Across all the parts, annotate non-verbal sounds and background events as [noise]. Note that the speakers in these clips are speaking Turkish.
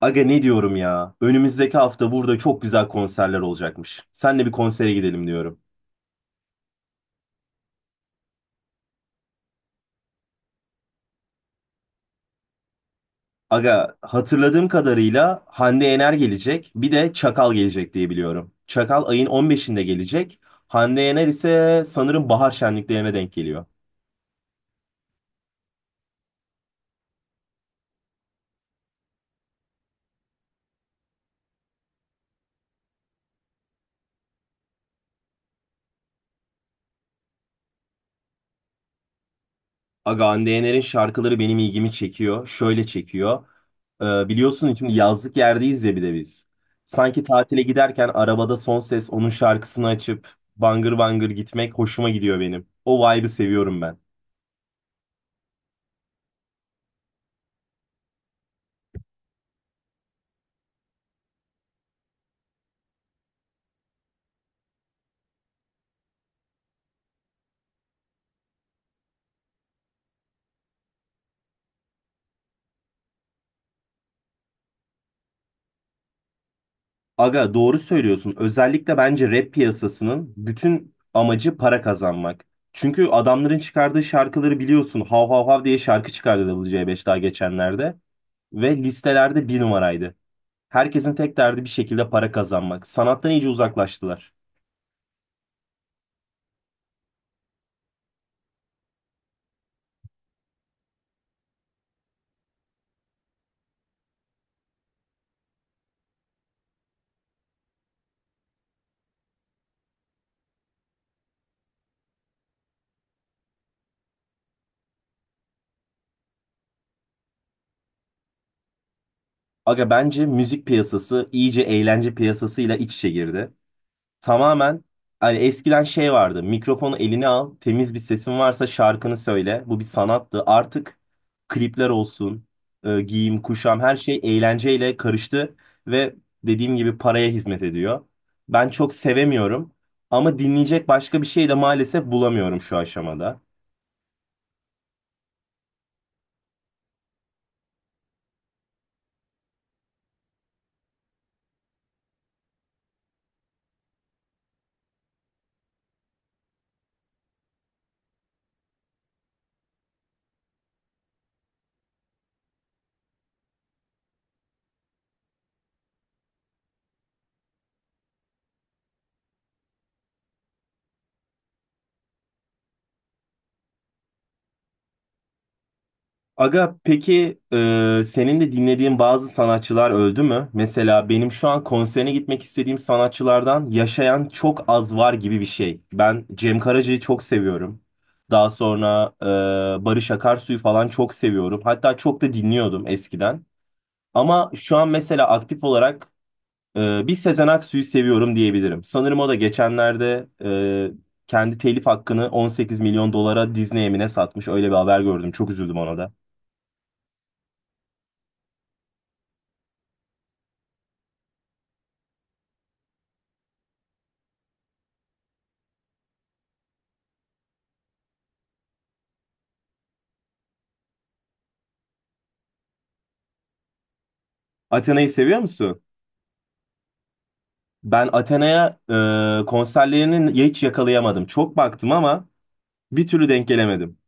Aga ne diyorum ya? Önümüzdeki hafta burada çok güzel konserler olacakmış. Senle bir konsere gidelim diyorum. Aga hatırladığım kadarıyla Hande Yener gelecek. Bir de Çakal gelecek diye biliyorum. Çakal ayın 15'inde gelecek. Hande Yener ise sanırım bahar şenliklerine denk geliyor. Aga Hande Yener'in şarkıları benim ilgimi çekiyor. Şöyle çekiyor. Biliyorsun şimdi yazlık yerdeyiz ya bir de biz. Sanki tatile giderken arabada son ses onun şarkısını açıp bangır bangır gitmek hoşuma gidiyor benim. O vibe'ı seviyorum ben. Aga doğru söylüyorsun. Özellikle bence rap piyasasının bütün amacı para kazanmak. Çünkü adamların çıkardığı şarkıları biliyorsun. Hav hav hav diye şarkı çıkardı WC5 daha geçenlerde. Ve listelerde bir numaraydı. Herkesin tek derdi bir şekilde para kazanmak. Sanattan iyice uzaklaştılar. Aga bence müzik piyasası iyice eğlence piyasasıyla iç içe girdi. Tamamen hani eskiden şey vardı. Mikrofonu eline al, temiz bir sesin varsa şarkını söyle. Bu bir sanattı. Artık klipler olsun, giyim, kuşam her şey eğlenceyle karıştı ve dediğim gibi paraya hizmet ediyor. Ben çok sevemiyorum ama dinleyecek başka bir şey de maalesef bulamıyorum şu aşamada. Aga peki senin de dinlediğin bazı sanatçılar öldü mü? Mesela benim şu an konserine gitmek istediğim sanatçılardan yaşayan çok az var gibi bir şey. Ben Cem Karaca'yı çok seviyorum. Daha sonra Barış Akarsu'yu falan çok seviyorum. Hatta çok da dinliyordum eskiden. Ama şu an mesela aktif olarak bir Sezen Aksu'yu seviyorum diyebilirim. Sanırım o da geçenlerde kendi telif hakkını 18 milyon dolara Disney'e mi ne satmış. Öyle bir haber gördüm. Çok üzüldüm ona da. Athena'yı seviyor musun? Ben Athena'ya konserlerini hiç yakalayamadım. Çok baktım ama bir türlü denk gelemedim.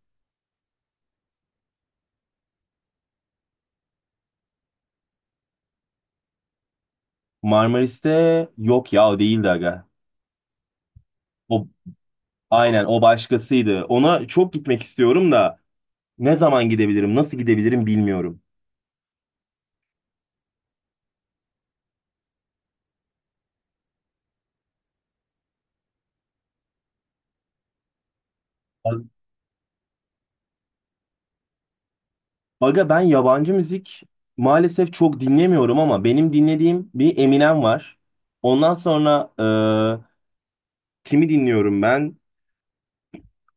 Marmaris'te yok ya o değildi aga. O, aynen o başkasıydı. Ona çok gitmek istiyorum da ne zaman gidebilirim, nasıl gidebilirim bilmiyorum. Aga ben yabancı müzik maalesef çok dinlemiyorum ama benim dinlediğim bir Eminem var. Ondan sonra e, kimi dinliyorum ben?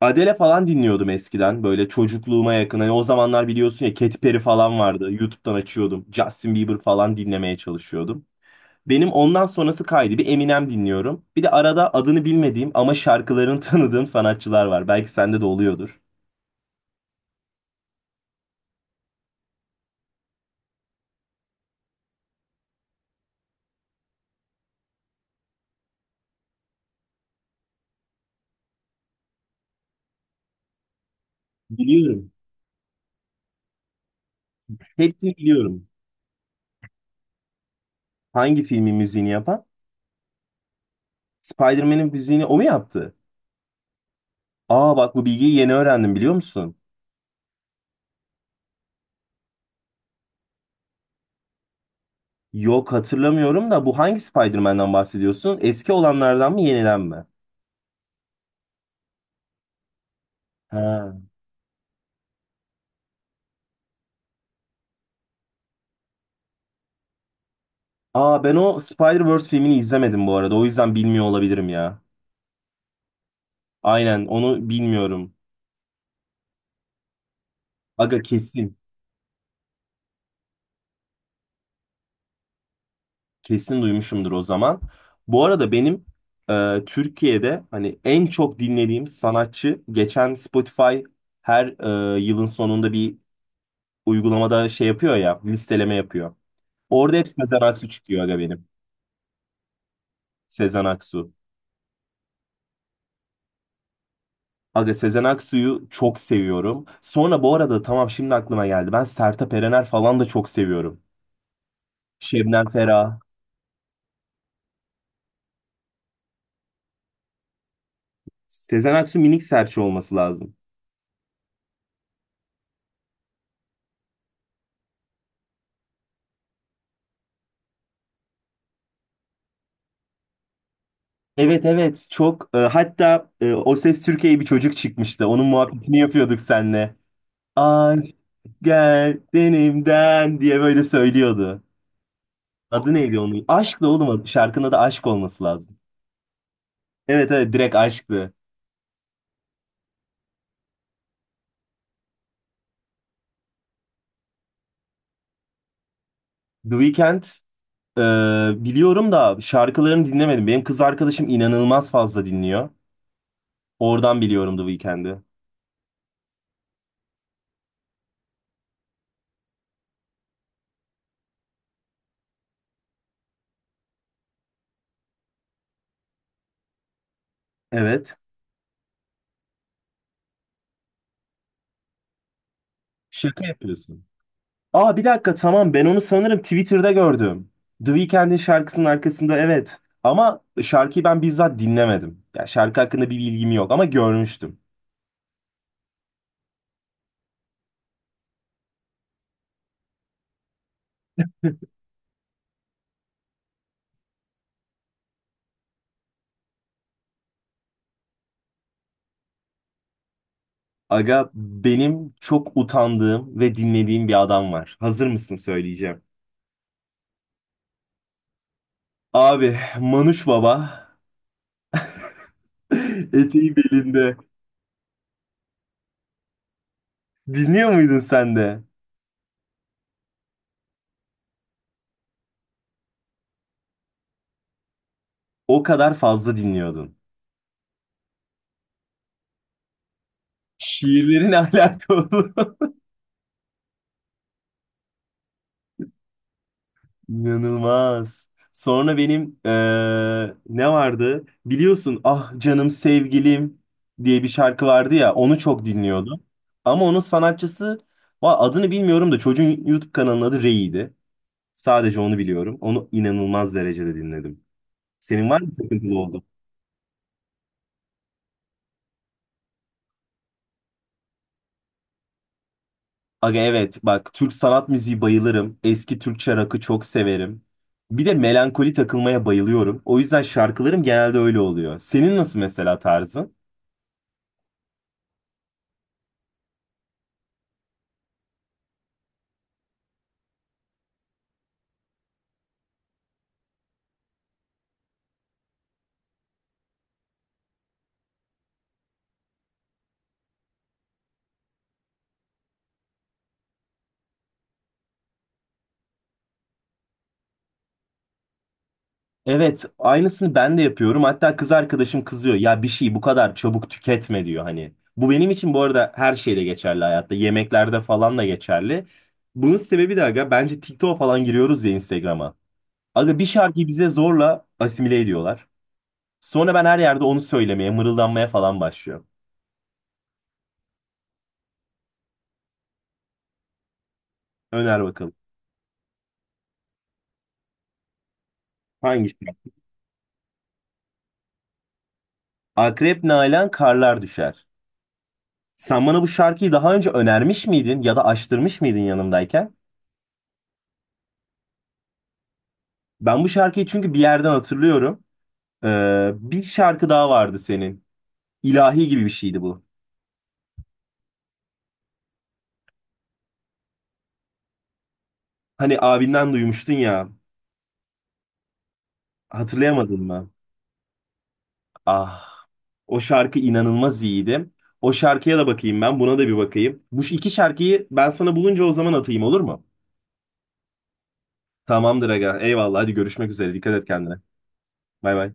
Adele falan dinliyordum eskiden böyle çocukluğuma yakın. Hani o zamanlar biliyorsun ya Katy Perry falan vardı. YouTube'dan açıyordum. Justin Bieber falan dinlemeye çalışıyordum. Benim ondan sonrası kaydı. Bir Eminem dinliyorum. Bir de arada adını bilmediğim ama şarkılarını [laughs] tanıdığım sanatçılar var. Belki sende de oluyordur. Biliyorum. Hepsini biliyorum. Hangi filmin müziğini yapan? Spider-Man'in müziğini o mu yaptı? Aa bak bu bilgiyi yeni öğrendim biliyor musun? Yok hatırlamıyorum da bu hangi Spider-Man'den bahsediyorsun? Eski olanlardan mı yeniden mi? Ha. Aa ben o Spider-Verse filmini izlemedim bu arada. O yüzden bilmiyor olabilirim ya. Aynen onu bilmiyorum. Aga kesin. Kesin duymuşumdur o zaman. Bu arada benim Türkiye'de hani en çok dinlediğim sanatçı geçen Spotify her yılın sonunda bir uygulamada şey yapıyor ya, listeleme yapıyor. Orada hep Sezen Aksu çıkıyor aga benim. Sezen Aksu. Aga Sezen Aksu'yu çok seviyorum. Sonra bu arada tamam, şimdi aklıma geldi. Ben Sertab Erener falan da çok seviyorum. Şebnem Ferah. Sezen Aksu minik serçe olması lazım. Evet evet, çok hatta O Ses Türkiye'ye bir çocuk çıkmıştı. Onun muhabbetini yapıyorduk seninle. Aşk gel denimden diye böyle söylüyordu. Adı neydi onun? Aşkla oğlum adı. Şarkının adı aşk olması lazım. Evet evet, direkt aşktı. The Weeknd e, biliyorum da şarkılarını dinlemedim. Benim kız arkadaşım inanılmaz fazla dinliyor. Oradan biliyorum The Weeknd'i. Evet. Şaka yapıyorsun. Aa bir dakika, tamam, ben onu sanırım Twitter'da gördüm. The Weeknd'in şarkısının arkasında, evet. Ama şarkıyı ben bizzat dinlemedim. Ya şarkı hakkında bir bilgim yok ama görmüştüm. Aga benim çok utandığım ve dinlediğim bir adam var. Hazır mısın söyleyeceğim. Abi Manuş Baba. [laughs] Eteği belinde. Dinliyor muydun sen de? O kadar fazla dinliyordun. Şiirlerin [laughs] alakalı. İnanılmaz. Sonra benim ne vardı? Biliyorsun Ah Canım Sevgilim diye bir şarkı vardı ya, onu çok dinliyordum. Ama onun sanatçısı adını bilmiyorum da çocuğun YouTube kanalının adı Rei'ydi. Sadece onu biliyorum. Onu inanılmaz derecede dinledim. Senin var mı takıntılı olduğun? Aga evet, bak Türk sanat müziği bayılırım. Eski Türkçe rock'ı çok severim. Bir de melankoli takılmaya bayılıyorum. O yüzden şarkılarım genelde öyle oluyor. Senin nasıl mesela tarzın? Evet, aynısını ben de yapıyorum. Hatta kız arkadaşım kızıyor. Ya bir şeyi bu kadar çabuk tüketme diyor hani. Bu benim için bu arada her şeyde geçerli hayatta. Yemeklerde falan da geçerli. Bunun sebebi de aga bence TikTok'a falan giriyoruz ya, Instagram'a. Aga bir şarkıyı bize zorla asimile ediyorlar. Sonra ben her yerde onu söylemeye, mırıldanmaya falan başlıyorum. Öner bakalım. Hangi şarkı? Akrep Nalan Karlar Düşer. Sen bana bu şarkıyı daha önce önermiş miydin ya da açtırmış mıydın yanımdayken? Ben bu şarkıyı çünkü bir yerden hatırlıyorum. Bir şarkı daha vardı senin. İlahi gibi bir şeydi bu. Hani abinden duymuştun ya. Hatırlayamadın mı? Ah, o şarkı inanılmaz iyiydi. O şarkıya da bakayım ben, buna da bir bakayım. Bu iki şarkıyı ben sana bulunca o zaman atayım, olur mu? Tamamdır aga. Eyvallah. Hadi görüşmek üzere. Dikkat et kendine. Bay bay.